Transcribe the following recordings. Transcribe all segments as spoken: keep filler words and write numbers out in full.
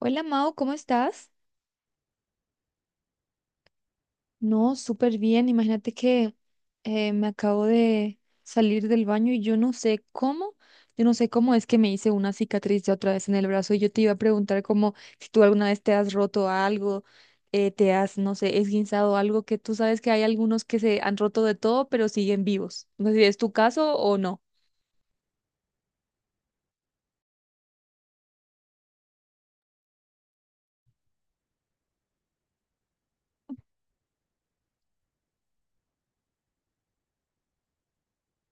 Hola Mao, ¿cómo estás? No, súper bien. Imagínate que eh, me acabo de salir del baño y yo no sé cómo, yo no sé cómo es que me hice una cicatriz ya otra vez en el brazo y yo te iba a preguntar como si tú alguna vez te has roto algo, eh, te has, no sé, esguinzado algo, que tú sabes que hay algunos que se han roto de todo pero siguen vivos. No sé si es tu caso o no.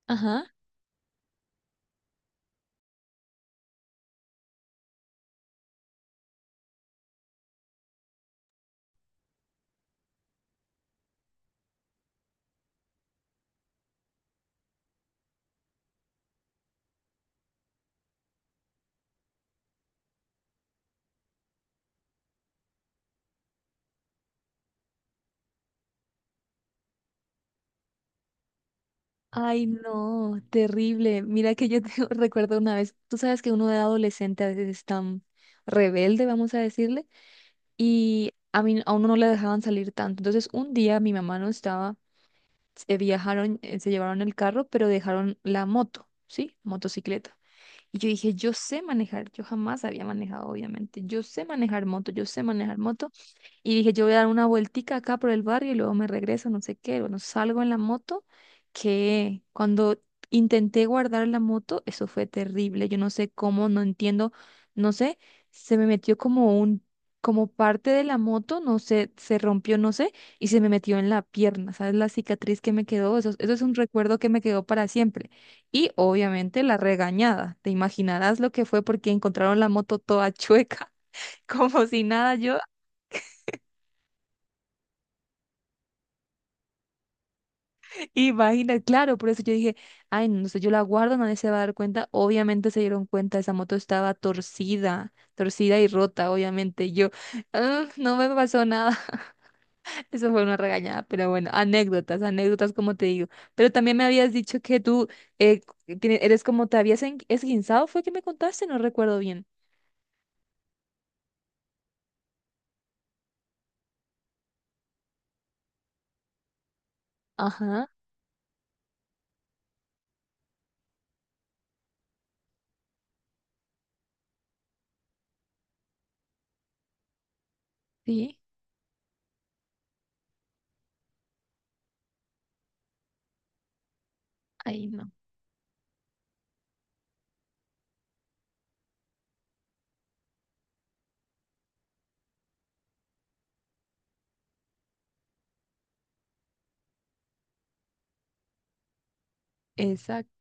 Ajá. Ay, no, terrible. Mira que yo te recuerdo una vez, tú sabes que uno de adolescente a veces es tan rebelde, vamos a decirle, y a mí a uno no le dejaban salir tanto. Entonces, un día mi mamá no estaba, se viajaron, eh, se llevaron el carro, pero dejaron la moto, ¿sí? Motocicleta. Y yo dije, yo sé manejar, yo jamás había manejado, obviamente. Yo sé manejar moto, yo sé manejar moto. Y dije, yo voy a dar una vueltica acá por el barrio y luego me regreso, no sé qué. Bueno, salgo en la moto, que cuando intenté guardar la moto, eso fue terrible. Yo no sé cómo, no entiendo, no sé, se me metió como un, como parte de la moto, no sé, se rompió, no sé, y se me metió en la pierna, ¿sabes? La cicatriz que me quedó, eso, eso es un recuerdo que me quedó para siempre. Y obviamente la regañada, te imaginarás lo que fue porque encontraron la moto toda chueca, como si nada, yo. Imagina, claro, por eso yo dije, ay, no no sé, yo la guardo, nadie se va a dar cuenta. Obviamente se dieron cuenta, esa moto estaba torcida, torcida y rota, obviamente. Yo, "Ah, no me pasó nada." Eso fue una regañada, pero bueno, anécdotas, anécdotas, como te digo. Pero también me habías dicho que tú eh, tiene- eres como, te habías en- esguinzado, fue que me contaste, no recuerdo bien. Ajá, sí, ahí no. Exacto,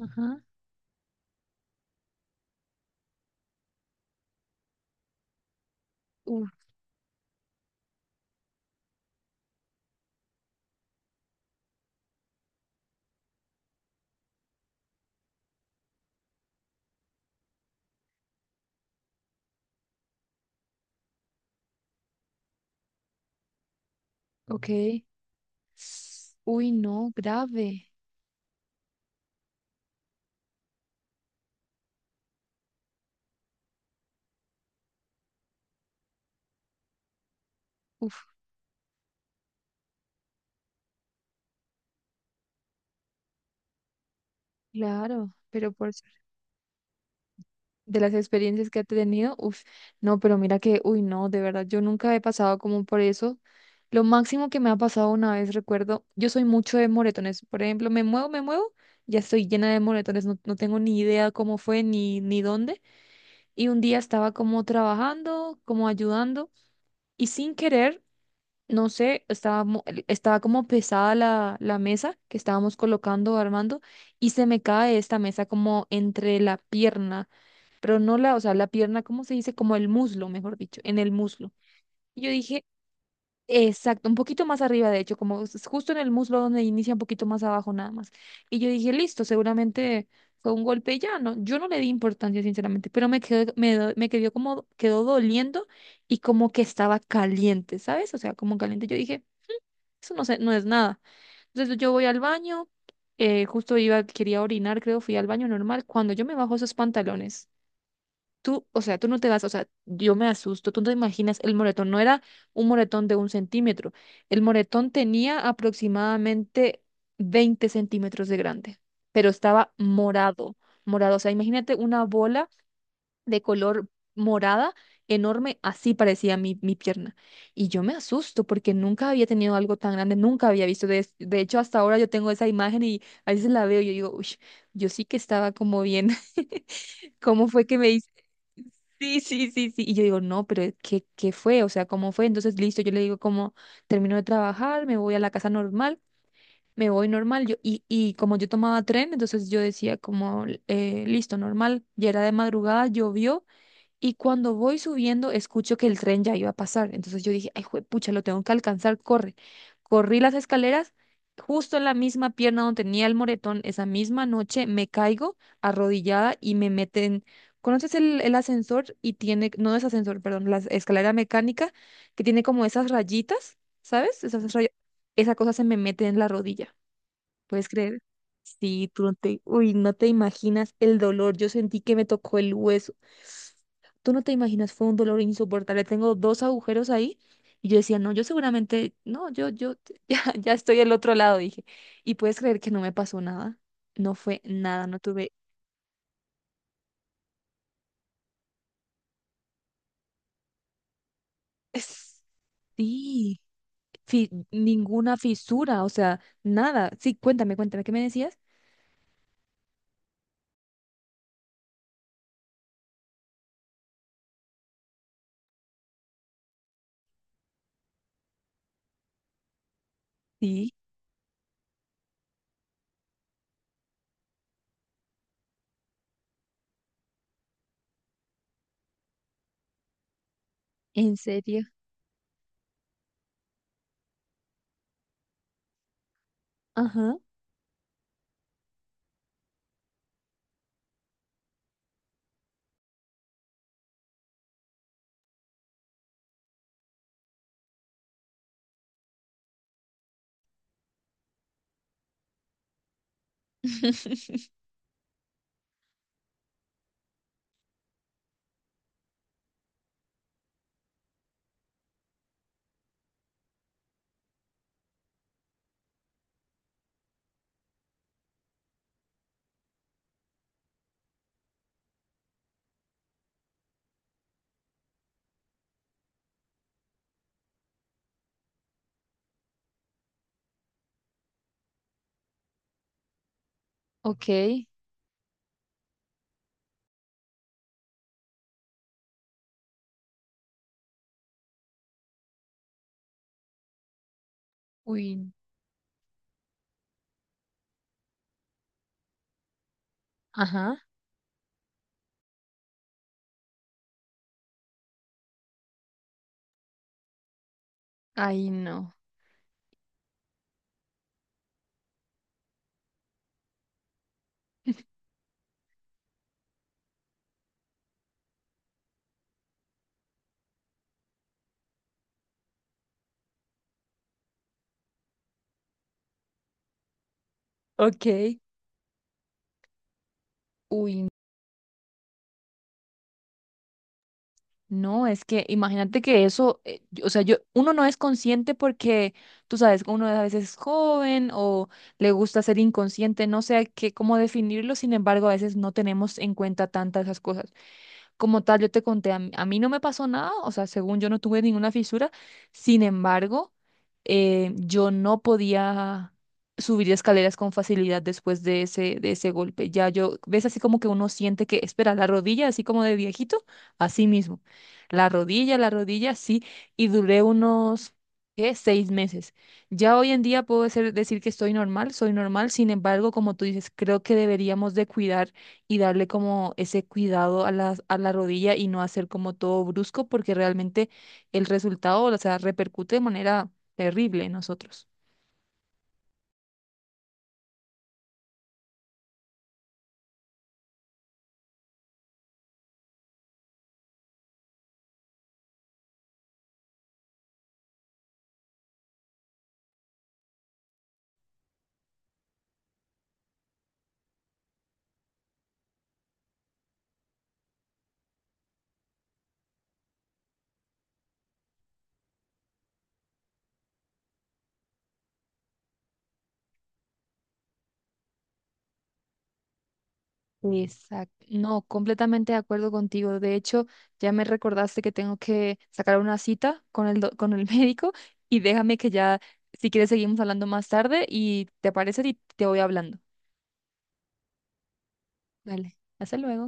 ajá. Uf, ok. Uy, no, grave. Uf, claro, pero por de las experiencias que ha tenido, uf, no, pero mira que, uy, no, de verdad, yo nunca he pasado como por eso. Lo máximo que me ha pasado una vez, recuerdo, yo soy mucho de moretones, por ejemplo, me muevo, me muevo, ya estoy llena de moretones, no, no tengo ni idea cómo fue ni, ni dónde. Y un día estaba como trabajando, como ayudando, y sin querer, no sé, estaba, mo- estaba como pesada la, la mesa que estábamos colocando, armando, y se me cae esta mesa como entre la pierna pero no la, o sea, la pierna, ¿cómo se dice? Como el muslo, mejor dicho, en el muslo. Y yo dije, exacto, un poquito más arriba, de hecho, como es justo en el muslo donde inicia un poquito más abajo nada más. Y yo dije, listo, seguramente fue un golpe y ya, no, yo no le di importancia, sinceramente, pero me quedó, me, do- me quedó como, quedó doliendo y como que estaba caliente, ¿sabes? O sea, como caliente. Yo dije, eso no sé, no es nada. Entonces yo voy al baño. Eh, justo iba, quería orinar, creo, fui al baño normal. Cuando yo me bajo esos pantalones, tú, o sea, tú no te vas, o sea, yo me asusto, tú no te imaginas, el moretón no era un moretón de un centímetro, el moretón tenía aproximadamente veinte centímetros de grande, pero estaba morado, morado, o sea, imagínate una bola de color morada enorme, así parecía mi, mi pierna. Y yo me asusto porque nunca había tenido algo tan grande, nunca había visto, de, de hecho, hasta ahora yo tengo esa imagen y a veces la veo y yo digo, uy, yo sí que estaba como bien. ¿Cómo fue que me dice? Sí, sí, sí, sí. Y yo digo, no, pero ¿qué, qué fue? O sea, ¿cómo fue? Entonces, listo, yo le digo como, termino de trabajar, me voy a la casa normal, me voy normal. Yo, y, y como yo tomaba tren, entonces yo decía como, eh, listo, normal. Ya era de madrugada, llovió. Y cuando voy subiendo, escucho que el tren ya iba a pasar. Entonces yo dije, ay, pucha, lo tengo que alcanzar, corre. Corrí las escaleras, justo en la misma pierna donde tenía el moretón, esa misma noche me caigo arrodillada y me meten. ¿Conoces el, el ascensor? Y tiene, no es ascensor, perdón, la escalera mecánica que tiene como esas rayitas, ¿sabes? Esas ray- Esa cosa se me mete en la rodilla. ¿Puedes creer? Sí, tú no te, uy, no te imaginas el dolor. Yo sentí que me tocó el hueso. Tú no te imaginas, fue un dolor insoportable. Tengo dos agujeros ahí. Y yo decía, no, yo seguramente, no, yo, yo, ya, ya estoy al otro lado, dije. Y puedes creer que no me pasó nada. No fue nada, no tuve, sí, fi- ninguna fisura, o sea, nada. Sí, cuéntame, cuéntame, ¿qué me decías? Sí, en serio. Ajá. Ok. Uy. Ajá. Ay, no. Ok. Uy, no, es que imagínate que eso, eh, yo- o sea, yo, uno no es consciente porque, tú sabes, uno a veces es joven o le gusta ser inconsciente, no sé qué, cómo definirlo, sin embargo, a veces no tenemos en cuenta tantas esas cosas. Como tal, yo te conté, a mí, a mí no me pasó nada, o sea, según yo no tuve ninguna fisura. Sin embargo, eh, yo no podía subir escaleras con facilidad después de ese, de ese golpe. Ya yo, ves así como que uno siente que, espera, la rodilla, así como de viejito, así mismo. La rodilla, la rodilla, sí, y duré unos, ¿qué? Seis meses. Ya hoy en día puedo ser- decir que estoy normal, soy normal, sin embargo, como tú dices, creo que deberíamos de cuidar y darle como ese cuidado a la a la rodilla y no hacer como todo brusco, porque realmente el resultado, o sea, repercute de manera terrible en nosotros. Exacto. No, completamente de acuerdo contigo. De hecho, ya me recordaste que tengo que sacar una cita con el, do- con el médico y déjame que ya, si quieres, seguimos hablando más tarde y te parece y te voy hablando. Vale, hasta luego.